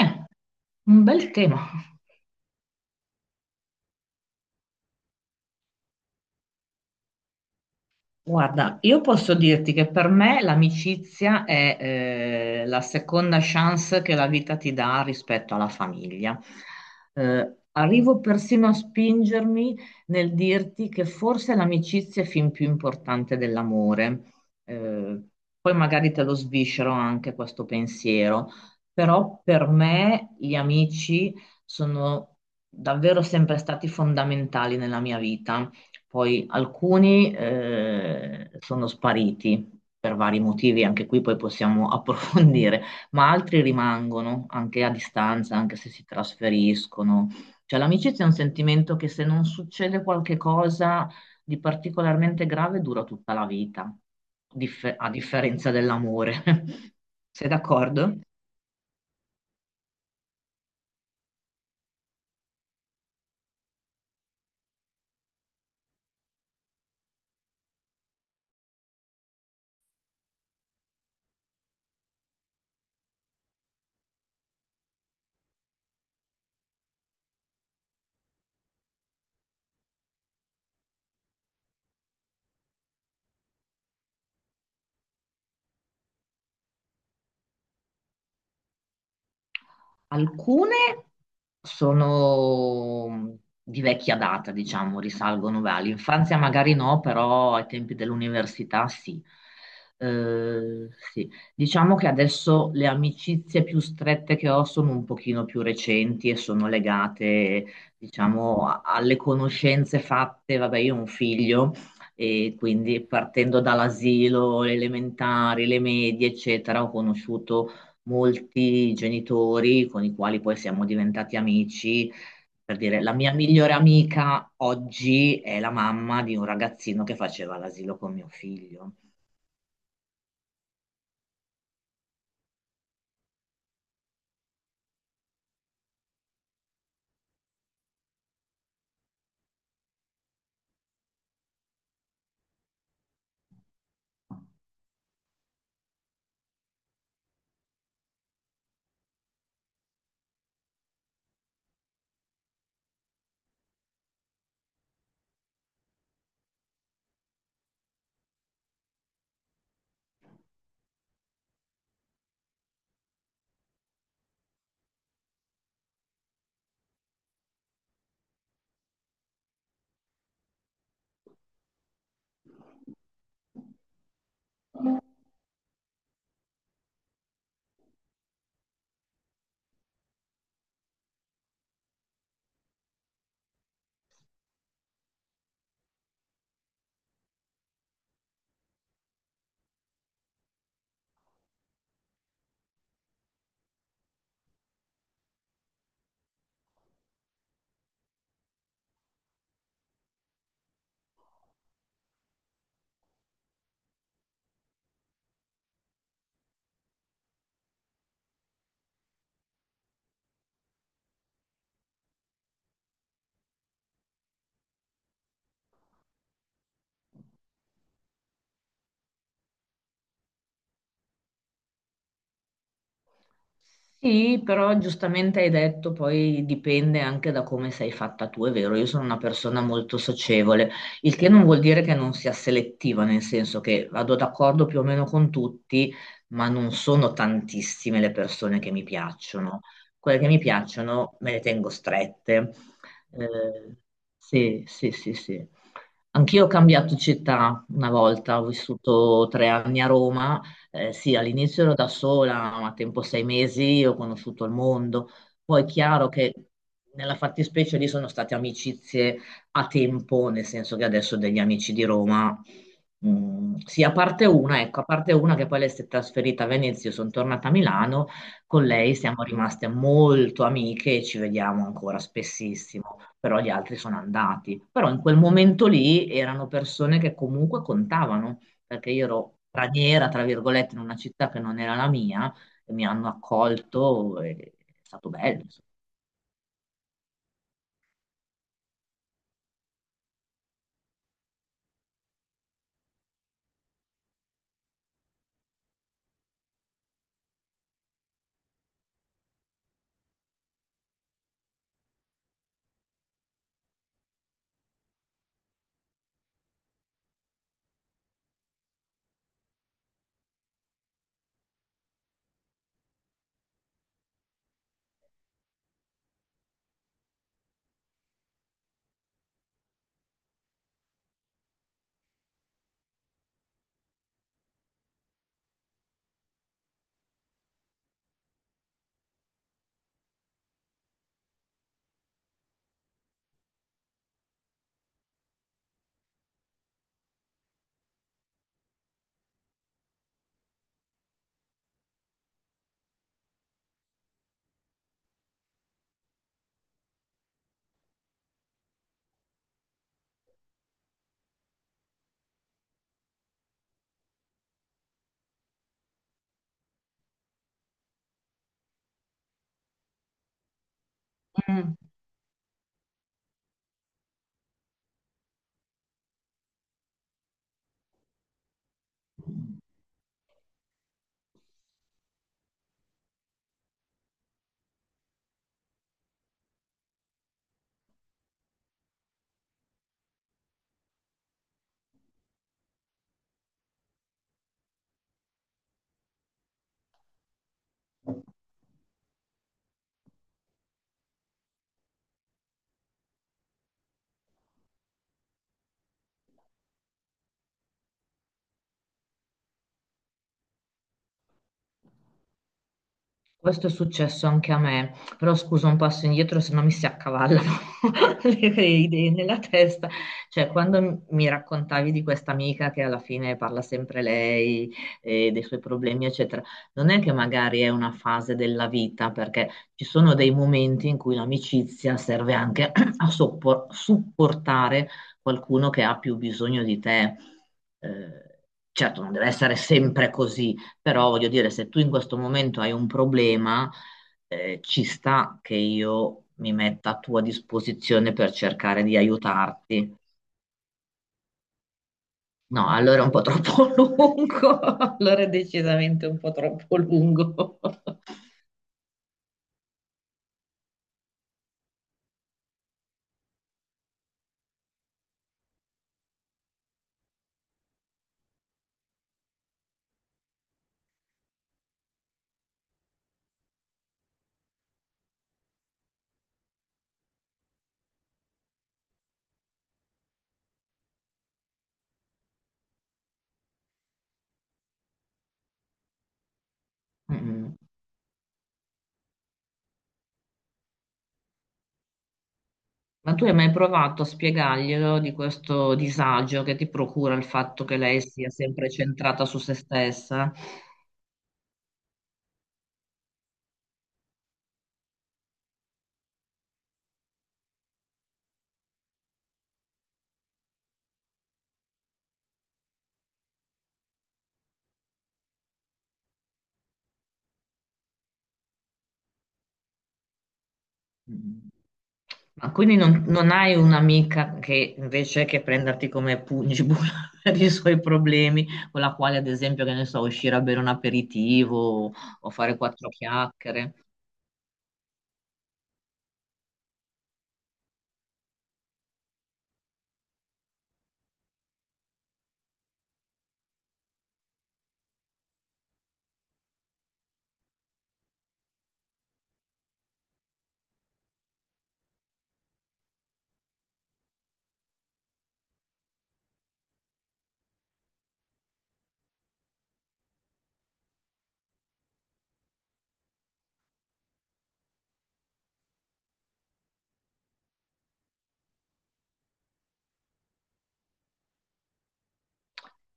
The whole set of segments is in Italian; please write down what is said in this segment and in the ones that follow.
Eh, un bel tema. Guarda, io posso dirti che per me l'amicizia è la seconda chance che la vita ti dà rispetto alla famiglia. Arrivo persino a spingermi nel dirti che forse l'amicizia è fin più importante dell'amore. Eh, Poi magari te lo sviscero anche questo pensiero, però per me gli amici sono davvero sempre stati fondamentali nella mia vita. Poi alcuni sono spariti per vari motivi, anche qui poi possiamo approfondire, ma altri rimangono anche a distanza, anche se si trasferiscono. Cioè l'amicizia è un sentimento che se non succede qualche cosa di particolarmente grave dura tutta la vita, a differenza dell'amore. Sei d'accordo? Alcune sono di vecchia data, diciamo, risalgono beh, all'infanzia, magari no, però ai tempi dell'università sì. Sì. Diciamo che adesso le amicizie più strette che ho sono un pochino più recenti e sono legate, diciamo, alle conoscenze fatte. Vabbè, io ho un figlio e quindi partendo dall'asilo, le elementari, le medie, eccetera, ho conosciuto molti genitori con i quali poi siamo diventati amici, per dire, la mia migliore amica oggi è la mamma di un ragazzino che faceva l'asilo con mio figlio. Sì, però giustamente hai detto, poi dipende anche da come sei fatta tu, è vero, io sono una persona molto socievole, il che non vuol dire che non sia selettiva, nel senso che vado d'accordo più o meno con tutti, ma non sono tantissime le persone che mi piacciono. Quelle che mi piacciono me le tengo strette. Eh, sì, sì, sì, sì. Anch'io ho cambiato città una volta, ho vissuto tre anni a Roma, sì, all'inizio ero da sola, ma a tempo sei mesi ho conosciuto il mondo. Poi è chiaro che nella fattispecie lì sono state amicizie a tempo, nel senso che adesso ho degli amici di Roma. Mm, sì, a parte una, ecco, a parte una che poi lei si è trasferita a Venezia, io sono tornata a Milano, con lei siamo rimaste molto amiche e ci vediamo ancora spessissimo, però gli altri sono andati. Però in quel momento lì erano persone che comunque contavano perché io ero straniera, tra virgolette, in una città che non era la mia, e mi hanno accolto, e è stato bello, insomma. Mm. Questo è successo anche a me, però scusa un passo indietro se no mi si accavallano le idee nella testa. Cioè, quando mi raccontavi di questa amica che alla fine parla sempre lei e dei suoi problemi, eccetera, non è che magari è una fase della vita, perché ci sono dei momenti in cui l'amicizia serve anche a supportare qualcuno che ha più bisogno di te. Eh, certo, non deve essere sempre così, però voglio dire, se tu in questo momento hai un problema, ci sta che io mi metta a tua disposizione per cercare di aiutarti. No, allora è un po' troppo lungo, allora è decisamente un po' troppo lungo. Mm. Ma tu hai mai provato a spiegarglielo di questo disagio che ti procura il fatto che lei sia sempre centrata su se stessa? Mm. Ma quindi non hai un'amica che invece che prenderti come pugnabulla per i suoi problemi, con la quale ad esempio, che ne so, uscire a bere un aperitivo o fare quattro chiacchiere?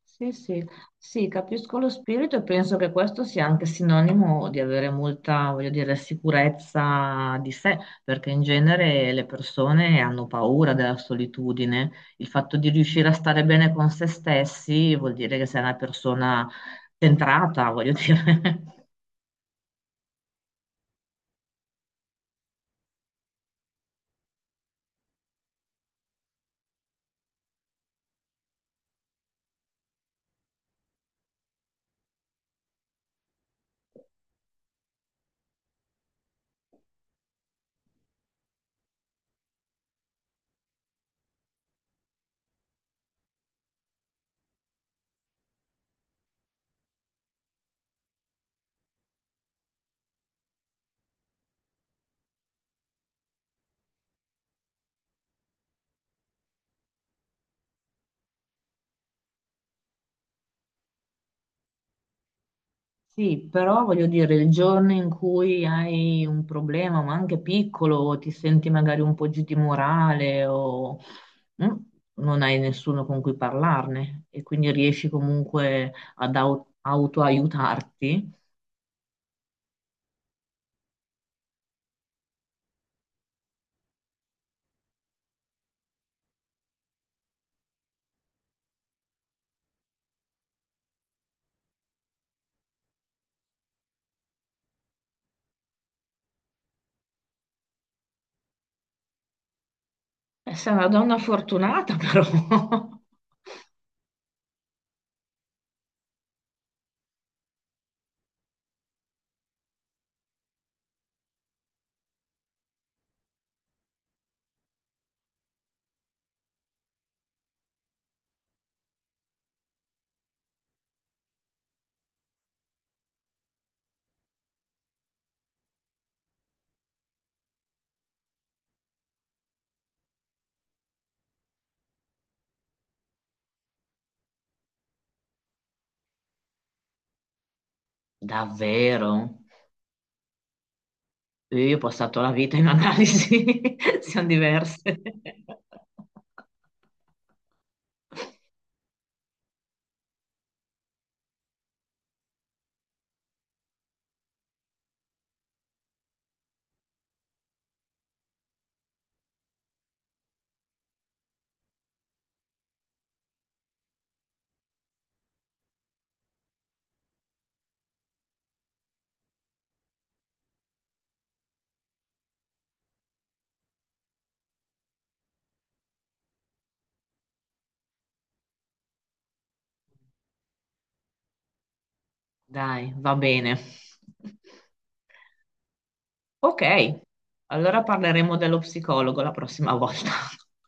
Sì, sì, sì, capisco lo spirito e penso che questo sia anche sinonimo di avere molta, voglio dire, sicurezza di sé, perché in genere le persone hanno paura della solitudine. Il fatto di riuscire a stare bene con se stessi vuol dire che sei una persona centrata, voglio dire. Sì, però voglio dire, il giorno in cui hai un problema, ma anche piccolo, o ti senti magari un po' giù di morale o mm, non hai nessuno con cui parlarne e quindi riesci comunque ad autoaiutarti, sei una donna fortunata però. Davvero? Io ho passato la vita in analisi, siamo diverse. Dai, va bene. Ok, allora parleremo dello psicologo la prossima volta.